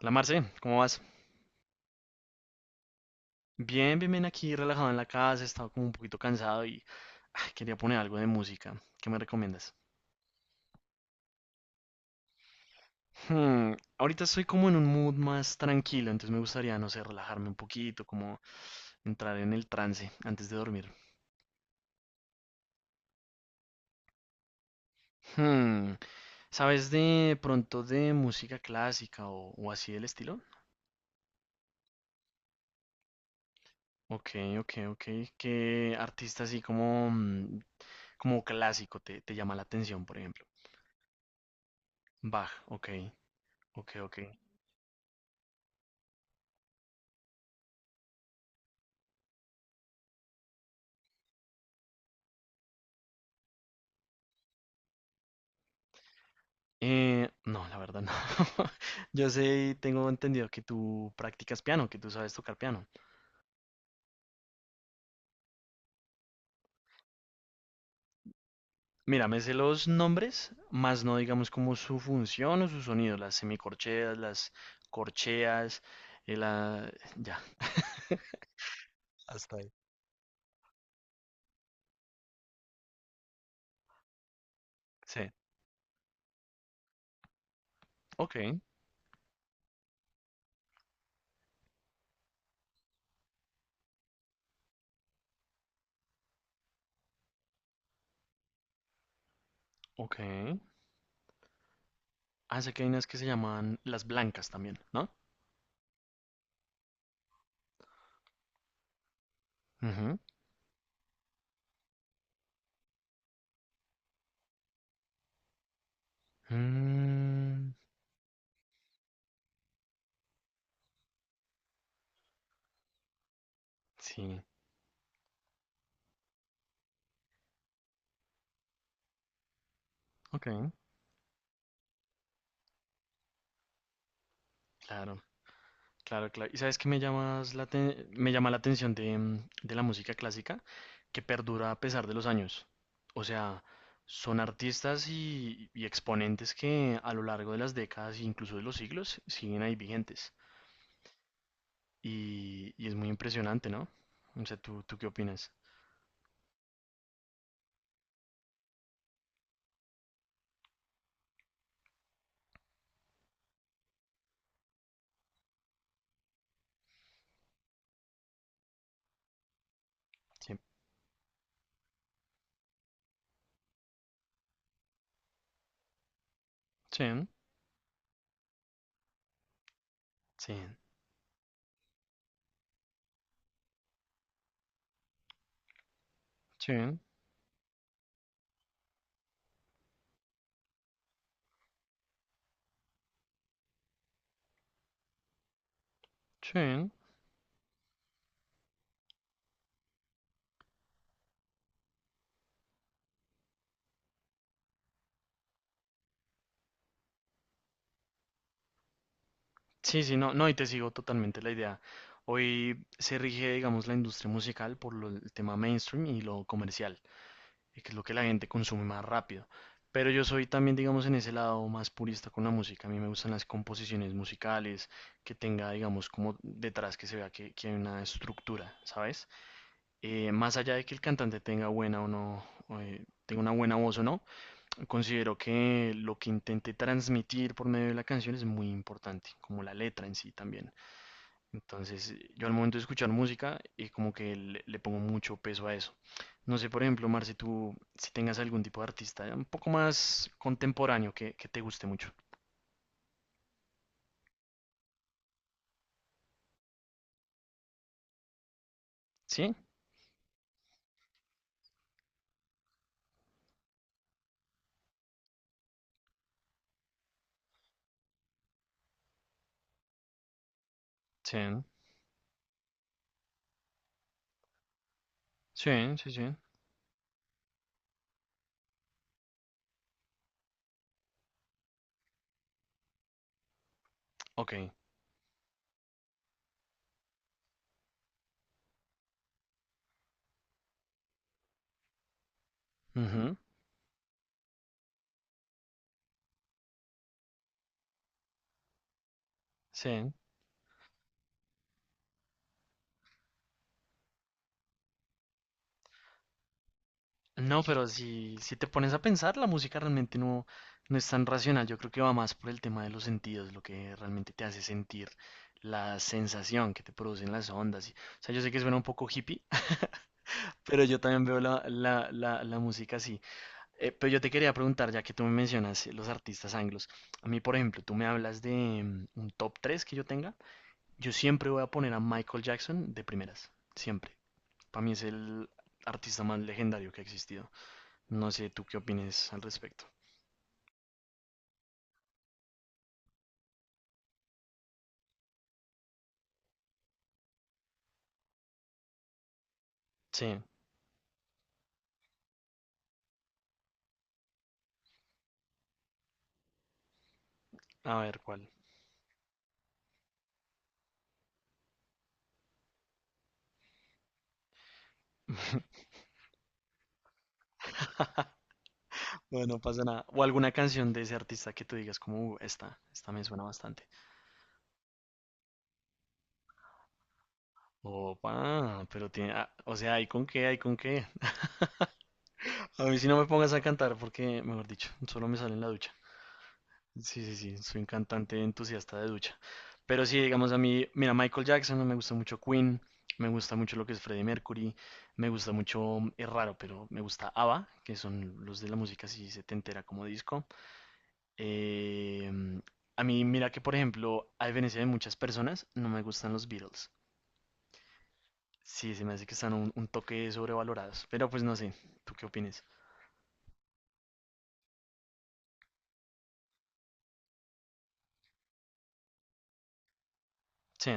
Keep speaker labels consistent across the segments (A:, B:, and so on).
A: Hola Marce, ¿cómo vas? Bien, bien, bien aquí, relajado en la casa, estaba como un poquito cansado y ay, quería poner algo de música. ¿Qué me recomiendas? Ahorita estoy como en un mood más tranquilo, entonces me gustaría, no sé, relajarme un poquito, como entrar en el trance antes de dormir. Hmm, ¿Sabes de pronto de música clásica o así del estilo? Ok, ok, ok. ¿Qué artista así como, como clásico te llama la atención, por ejemplo? Bach, ok, ok, ok. No, la verdad no. Yo sé y tengo entendido que tú practicas piano, que tú sabes tocar piano. Mira, me sé los nombres, más no digamos como su función o su sonido, las semicorcheas, las corcheas, eh, la... ya. Hasta ahí. Sí, ok, ok. Ah, sé que hay unas que se llaman las blancas también, ¿no? Ujú. Mm, sí, ok, claro. Claro, claro. ¿Y sabes qué me llama la atención de, de la música clásica? Que perdura a pesar de los años. O sea, son artistas y exponentes que a lo largo de las décadas e incluso de los siglos siguen ahí vigentes. Y es muy impresionante, ¿no? O sea, ¿tú qué opinas? Sí. Sí, sí, sí, sí. Sí, sí, no, no, y te sigo totalmente la idea. Hoy se rige, digamos, la industria musical por el tema mainstream y lo comercial. Y que es lo que la gente consume más rápido. Pero yo soy también, digamos, en ese lado más purista con la música. A mí me gustan las composiciones musicales, que tenga, digamos, como detrás que se vea que hay una estructura, ¿sabes? Más allá de que el cantante tenga buena o no, o, tenga una buena voz o no, considero que lo que intente transmitir por medio de la canción es muy importante, como la letra en sí también. Entonces, yo al momento de escuchar música, como que le pongo mucho peso a eso. No sé, por ejemplo, Marce, tú, si tengas algún tipo de artista un poco más contemporáneo que te guste mucho. ¿Sí? Sí, sí, sí, sí. Ok. Ujú, sí. No, pero si te pones a pensar, la música realmente no, no es tan racional. Yo creo que va más por el tema de los sentidos, lo que realmente te hace sentir, la sensación que te producen las ondas. O sea, yo sé que suena un poco hippie, pero yo también veo la música así. Pero yo te quería preguntar, ya que tú me mencionas los artistas anglos, a mí, por ejemplo, tú me hablas de un top 3 que yo tenga, yo siempre voy a poner a Michael Jackson de primeras, siempre. Para mí es el artista más legendario que ha existido. No sé tú qué opinas al respecto. Sí, a ver cuál. Bueno, no pasa nada. O alguna canción de ese artista que tú digas como, esta, esta me suena bastante". Opa, pero tiene, ah, o sea, hay con qué, hay con qué. A mí si no me pongas a cantar porque, mejor dicho, solo me sale en la ducha. Sí, sí, sí, soy un cantante entusiasta de ducha. Pero sí, digamos a mí, mira, Michael Jackson, me gusta mucho Queen, me gusta mucho lo que es Freddie Mercury, me gusta mucho, es raro, pero me gusta ABBA, que son los de la música así setentera como disco. Eh, a mí, mira que por ejemplo, a diferencia de muchas personas, no me gustan los Beatles. Sí, se me hace que están un toque sobrevalorados, pero pues no sé, ¿tú qué opinas? Sí,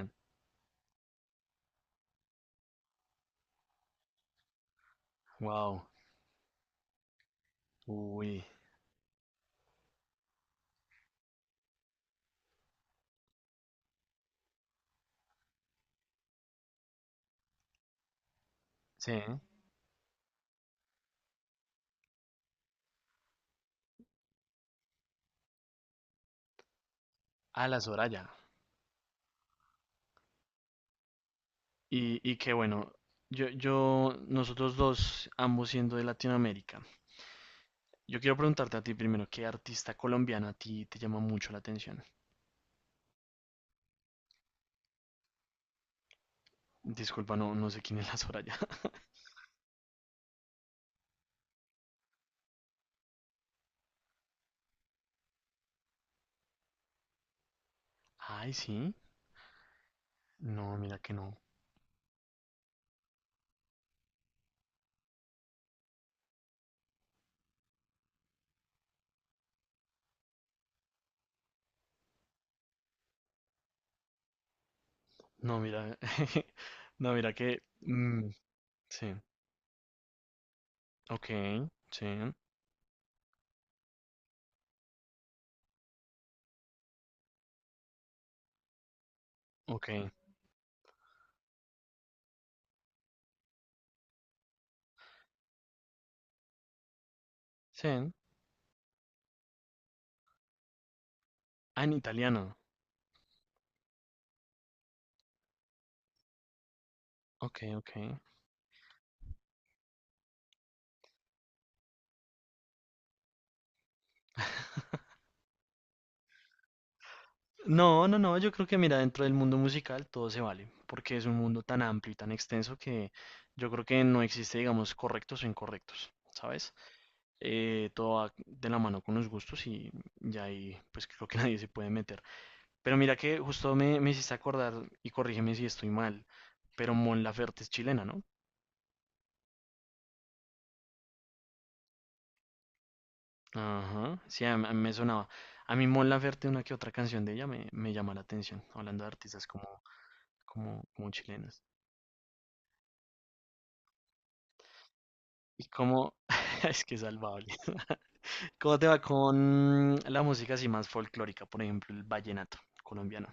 A: wow, uy. Sí, a la Soraya. Y que bueno, nosotros dos, ambos siendo de Latinoamérica, yo quiero preguntarte a ti primero, ¿qué artista colombiana a ti te llama mucho la atención? Disculpa, no, no sé quién es la Soraya. Ay, sí. No, mira que no. No, mira. No, mira que. Sí. Ok, sí. Ok, sí. Ah, en italiano. Ok, ok. No, no, no, yo creo que mira, dentro del mundo musical todo se vale, porque es un mundo tan amplio y tan extenso que yo creo que no existe, digamos, correctos o incorrectos, ¿sabes? Todo va de la mano con los gustos y ya ahí pues creo que nadie se puede meter. Pero mira que justo me hiciste acordar, y corrígeme si estoy mal, pero Mon Laferte es chilena, ¿no? Ajá, sí, a mí me sonaba. A mí Mon Laferte, una que otra canción de ella me llama la atención, hablando de artistas como chilenos. ¿Y cómo? Es que es salvable. ¿Cómo te va con la música así más folclórica? Por ejemplo, el vallenato colombiano.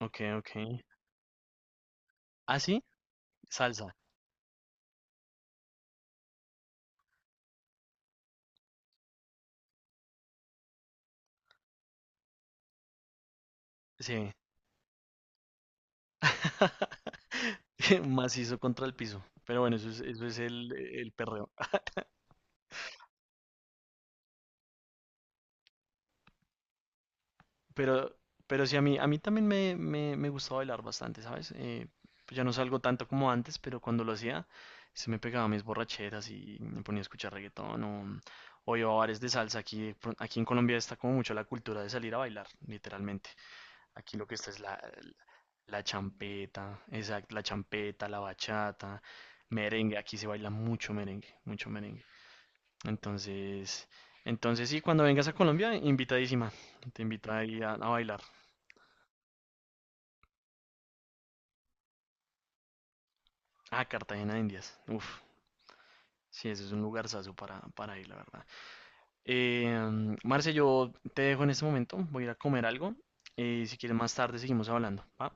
A: Ok, ok. ¿Ah, sí? Salsa. Sí. Macizo contra el piso. Pero bueno, eso es el perreo. Pero, pero sí, a mí también me gustaba bailar bastante, ¿sabes? Pues ya no salgo tanto como antes, pero cuando lo hacía, se me pegaba mis borracheras y me ponía a escuchar reggaetón o iba a bares de salsa. Aquí, aquí en Colombia está como mucho la cultura de salir a bailar, literalmente. Aquí lo que está es la champeta, exacto, la champeta, la bachata, merengue. Aquí se baila mucho merengue, mucho merengue. Entonces, entonces sí, cuando vengas a Colombia, invitadísima. Te invito ahí a bailar. Ah, Cartagena de Indias. Uf, sí, ese es un lugarzazo para ir, la verdad. Marce, yo te dejo en este momento. Voy a ir a comer algo. Y si quieres más tarde seguimos hablando. ¿Va?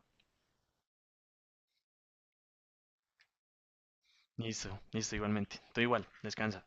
A: Listo, listo, igualmente. Tú igual, descansa.